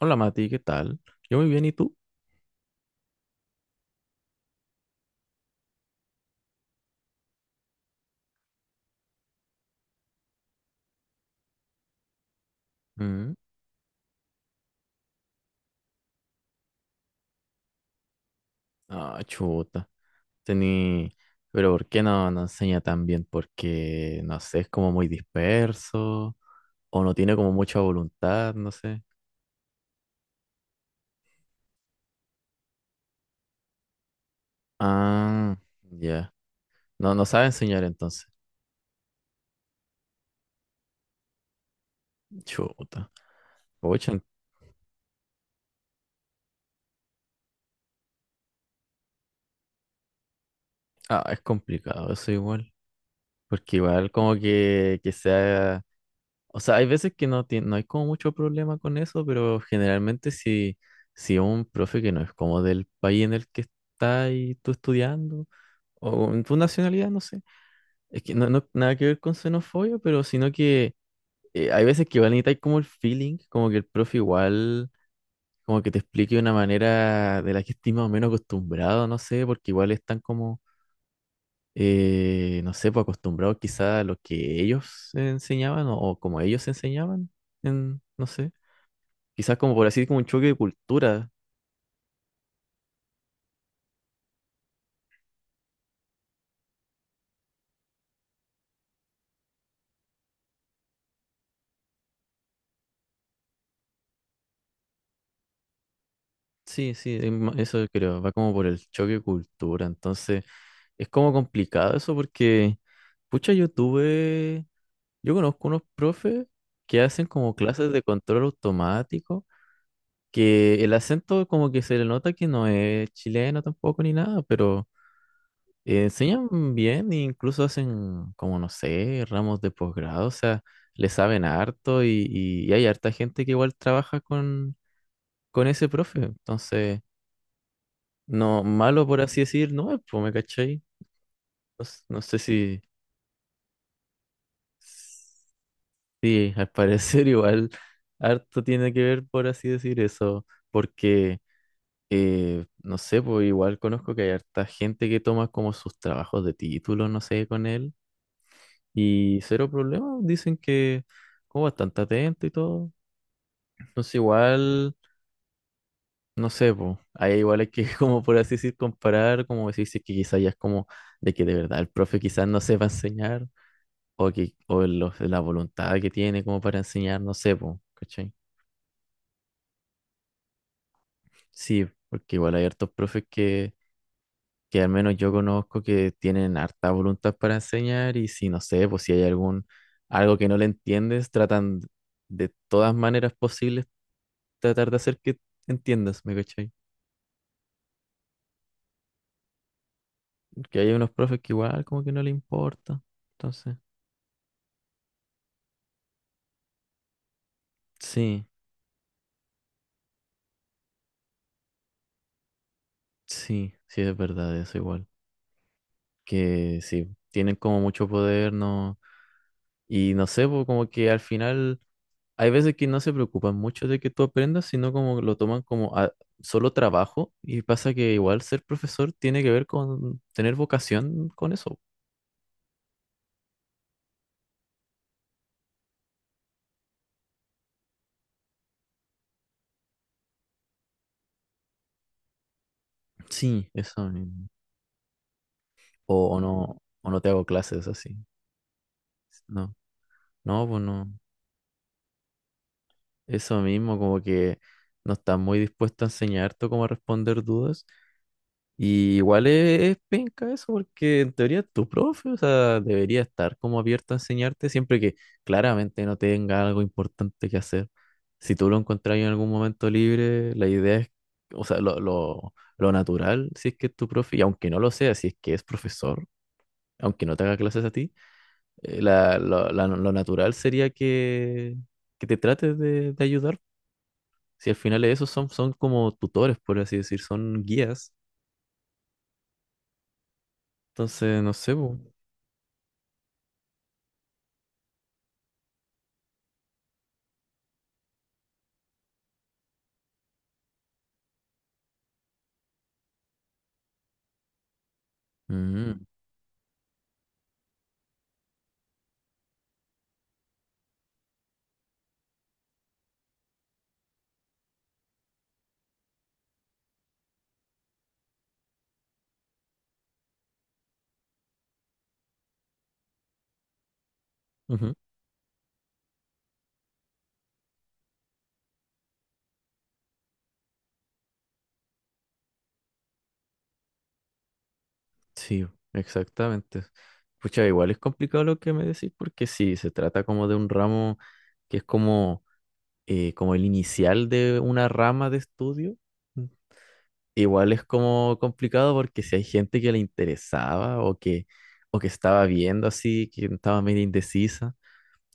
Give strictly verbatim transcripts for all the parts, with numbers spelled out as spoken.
Hola Mati, ¿qué tal? Yo muy bien, ¿y tú? Mm. Ah, chuta. Tení... Pero ¿por qué no, no enseña tan bien? Porque, no sé, es como muy disperso o no tiene como mucha voluntad, no sé. Ah, ya. No, no sabe enseñar entonces. Chuta. Pucha, en- ah, es complicado eso igual. Porque igual como que, que sea, o sea, hay veces que no, tien- no hay como mucho problema con eso, pero generalmente si, si un profe que no es como del país en el que está y tú estudiando, o en tu nacionalidad, no sé, es que no, no nada que ver con xenofobia, pero sino que eh, hay veces que igual necesitas como el feeling, como que el profe igual, como que te explique de una manera de la que estés más o menos acostumbrado, no sé, porque igual están como, eh, no sé, pues acostumbrados quizás a lo que ellos enseñaban o, o como ellos enseñaban, en, no sé. Quizás como por así, como un choque de cultura. Sí, sí, es ma- eso creo, va como por el choque de cultura. Entonces, es como complicado eso porque, pucha, yo tuve, yo conozco unos profes que hacen como clases de control automático, que el acento como que se le nota que no es chileno tampoco ni nada, pero eh, enseñan bien e incluso hacen como, no sé, ramos de posgrado, o sea, le saben harto y, y y hay harta gente que igual trabaja con con ese profe. Entonces, no, malo por así decir, no es, pues, ¿me cachai? No, s- no sé si, sí, al parecer igual harto tiene que ver por así decir eso, porque, eh, no sé, pues igual conozco que hay harta gente que toma como sus trabajos de título, no sé, con él, y cero problema, dicen que como bastante atento y todo. Entonces, igual... No sé, po. Ahí igual hay que, como por así decir, comparar, como decir, si es que quizás ya es como de que de verdad el profe quizás no sepa enseñar, o que, o los- la voluntad que tiene como para enseñar, no sé, po, ¿cachai? Sí, porque igual hay hartos profes que, que al menos yo conozco que tienen harta voluntad para enseñar, y si no sé, pues si hay algún, algo que no le entiendes, tratan de todas maneras posibles tratar de hacer que entiendas, ¿me cachai? Porque hay unos profes que igual como que no le importa, entonces, sí. Sí, sí, es verdad, eso igual. Que sí, tienen como mucho poder, ¿no? Y no sé, pues, como que al final hay veces que no se preocupan mucho de que tú aprendas, sino como lo toman como a- solo trabajo. Y pasa que igual ser profesor tiene que ver con tener vocación con eso. Sí, eso mismo. O, o no, o no te hago clases así. No, no, pues no. Eso mismo, como que no estás muy dispuesto a enseñarte cómo responder dudas. Y igual e-, es, penca eso, porque en teoría es tu profe, o sea, debería estar como abierto a enseñarte siempre que claramente no tenga algo importante que hacer. Si tú lo encontrás en algún momento libre, la idea es, o sea, lo, lo, lo natural, si es que es tu profe, y aunque no lo sea, si es que es profesor, aunque no te haga clases a ti, eh, la, lo, la- lo natural sería que, que te trates de, de ayudar. Si al final esos son, son como tutores, por así decir, son guías. Entonces, no sé, po. Mm, ujú. Sí, exactamente. Pucha, igual es complicado lo que me decís porque sí, se trata como de un ramo que es como, eh, como el inicial de una rama de estudio. Mm. Igual es como complicado porque si hay gente que le interesaba o que, o que estaba viendo así, que estaba medio indecisa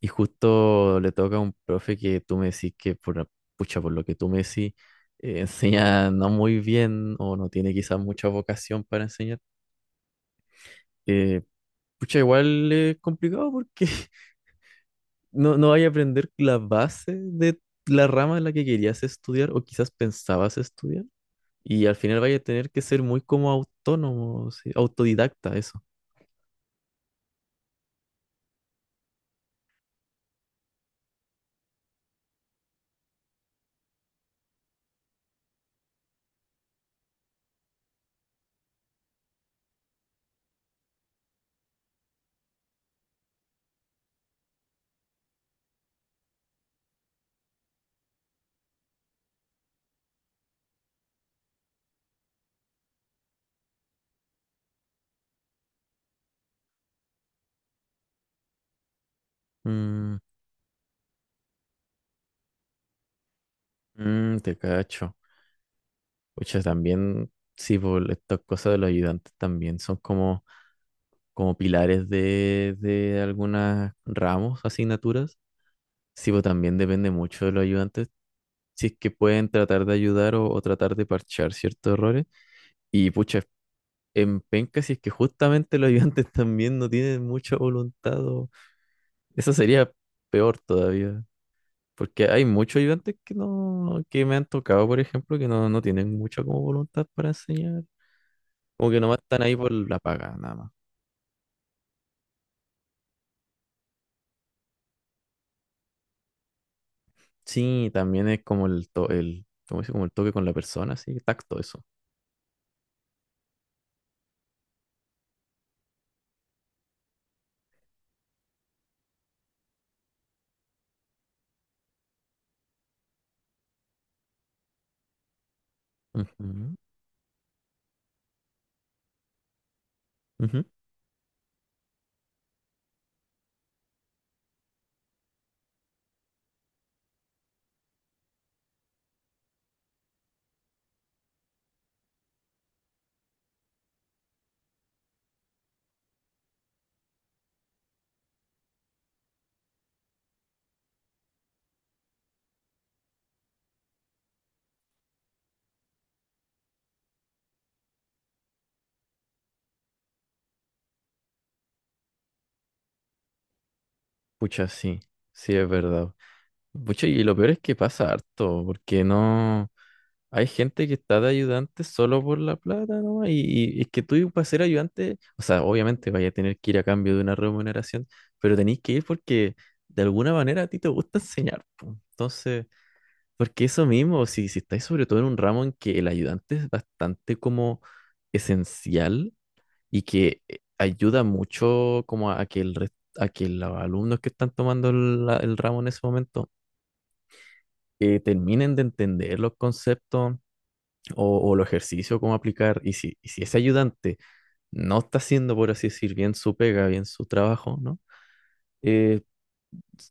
y justo le toca a un profe que tú me decís que por, la- pucha, por lo que tú me decís, eh, enseña no muy bien o no tiene quizás mucha vocación para enseñar. Eh, pucha, igual es complicado porque no, no vaya a aprender la base de la rama en la que querías estudiar o quizás pensabas estudiar. Y al final vaya a tener que ser muy como autónomo, sí, autodidacta, eso. Mm, mm, te cacho. Pucha, también, sí, por estas cosas de los ayudantes también son como, como pilares de, de algunas ramos, asignaturas. Sí, pues también depende mucho de los ayudantes si es que pueden tratar de ayudar o, o tratar de parchar ciertos errores. Y pucha, en penca, si es que justamente los ayudantes también no tienen mucha voluntad, o- eso sería peor todavía. Porque hay muchos ayudantes que no, que me han tocado, por ejemplo, que no, no tienen mucha como voluntad para enseñar. Como que nomás están ahí por la paga, nada más. Sí, también es como el, to- el, ¿cómo se dice? Como el toque con la persona, sí, tacto, eso. Ujú, ujú. Pucha, sí, sí es verdad. Pucha, y lo peor es que pasa harto, porque no hay gente que está de ayudante solo por la plata, ¿no? Y, y es que tú para ser ayudante, o sea, obviamente vaya a tener que ir a cambio de una remuneración, pero tenéis que ir porque de alguna manera a ti te gusta enseñar, po. Entonces, porque eso mismo, si, si estáis sobre todo en un ramo en que el ayudante es bastante como esencial y que eh, ayuda mucho como a, a que el res- a que los alumnos que están tomando la- el ramo en ese momento que terminen de entender los conceptos o, o los ejercicios, cómo aplicar. Y si, y si ese ayudante no está haciendo, por así decir, bien su pega, bien su trabajo, ¿no? Eh,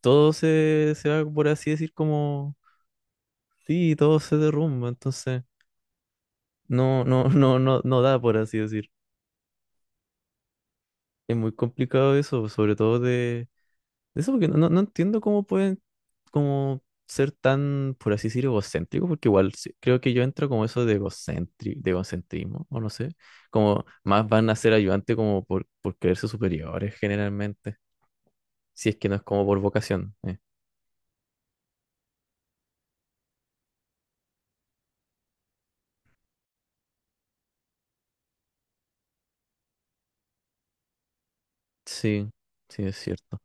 todo se, se va, por así decir, como, sí, todo se derrumba, entonces no, no, no, no, no da, por así decir. Es muy complicado eso, sobre todo de eso porque no, no- no entiendo cómo pueden como ser tan, por así decir, egocéntricos, porque igual sí- creo que yo entro como eso de egocentri- de egocentrismo, o no sé, como más van a ser ayudantes como por, por creerse superiores generalmente, si es que no es como por vocación. eh. Sí, sí, es cierto.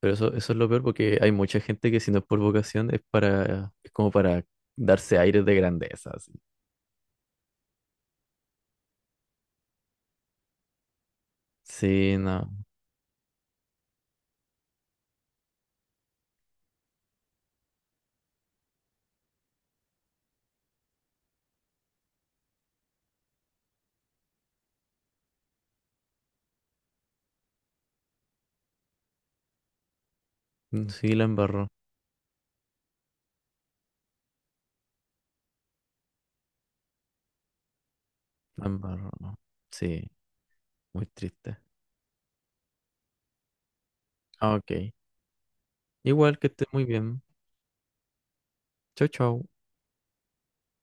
Pero eso, eso es lo peor porque hay mucha gente que si no es por vocación es para, es como para darse aires de grandeza, así. Sí, no, mm, sí, la embarró, la embarró, no. Sí, muy triste. Ah, ok. Igual que esté muy bien. Chau, chau.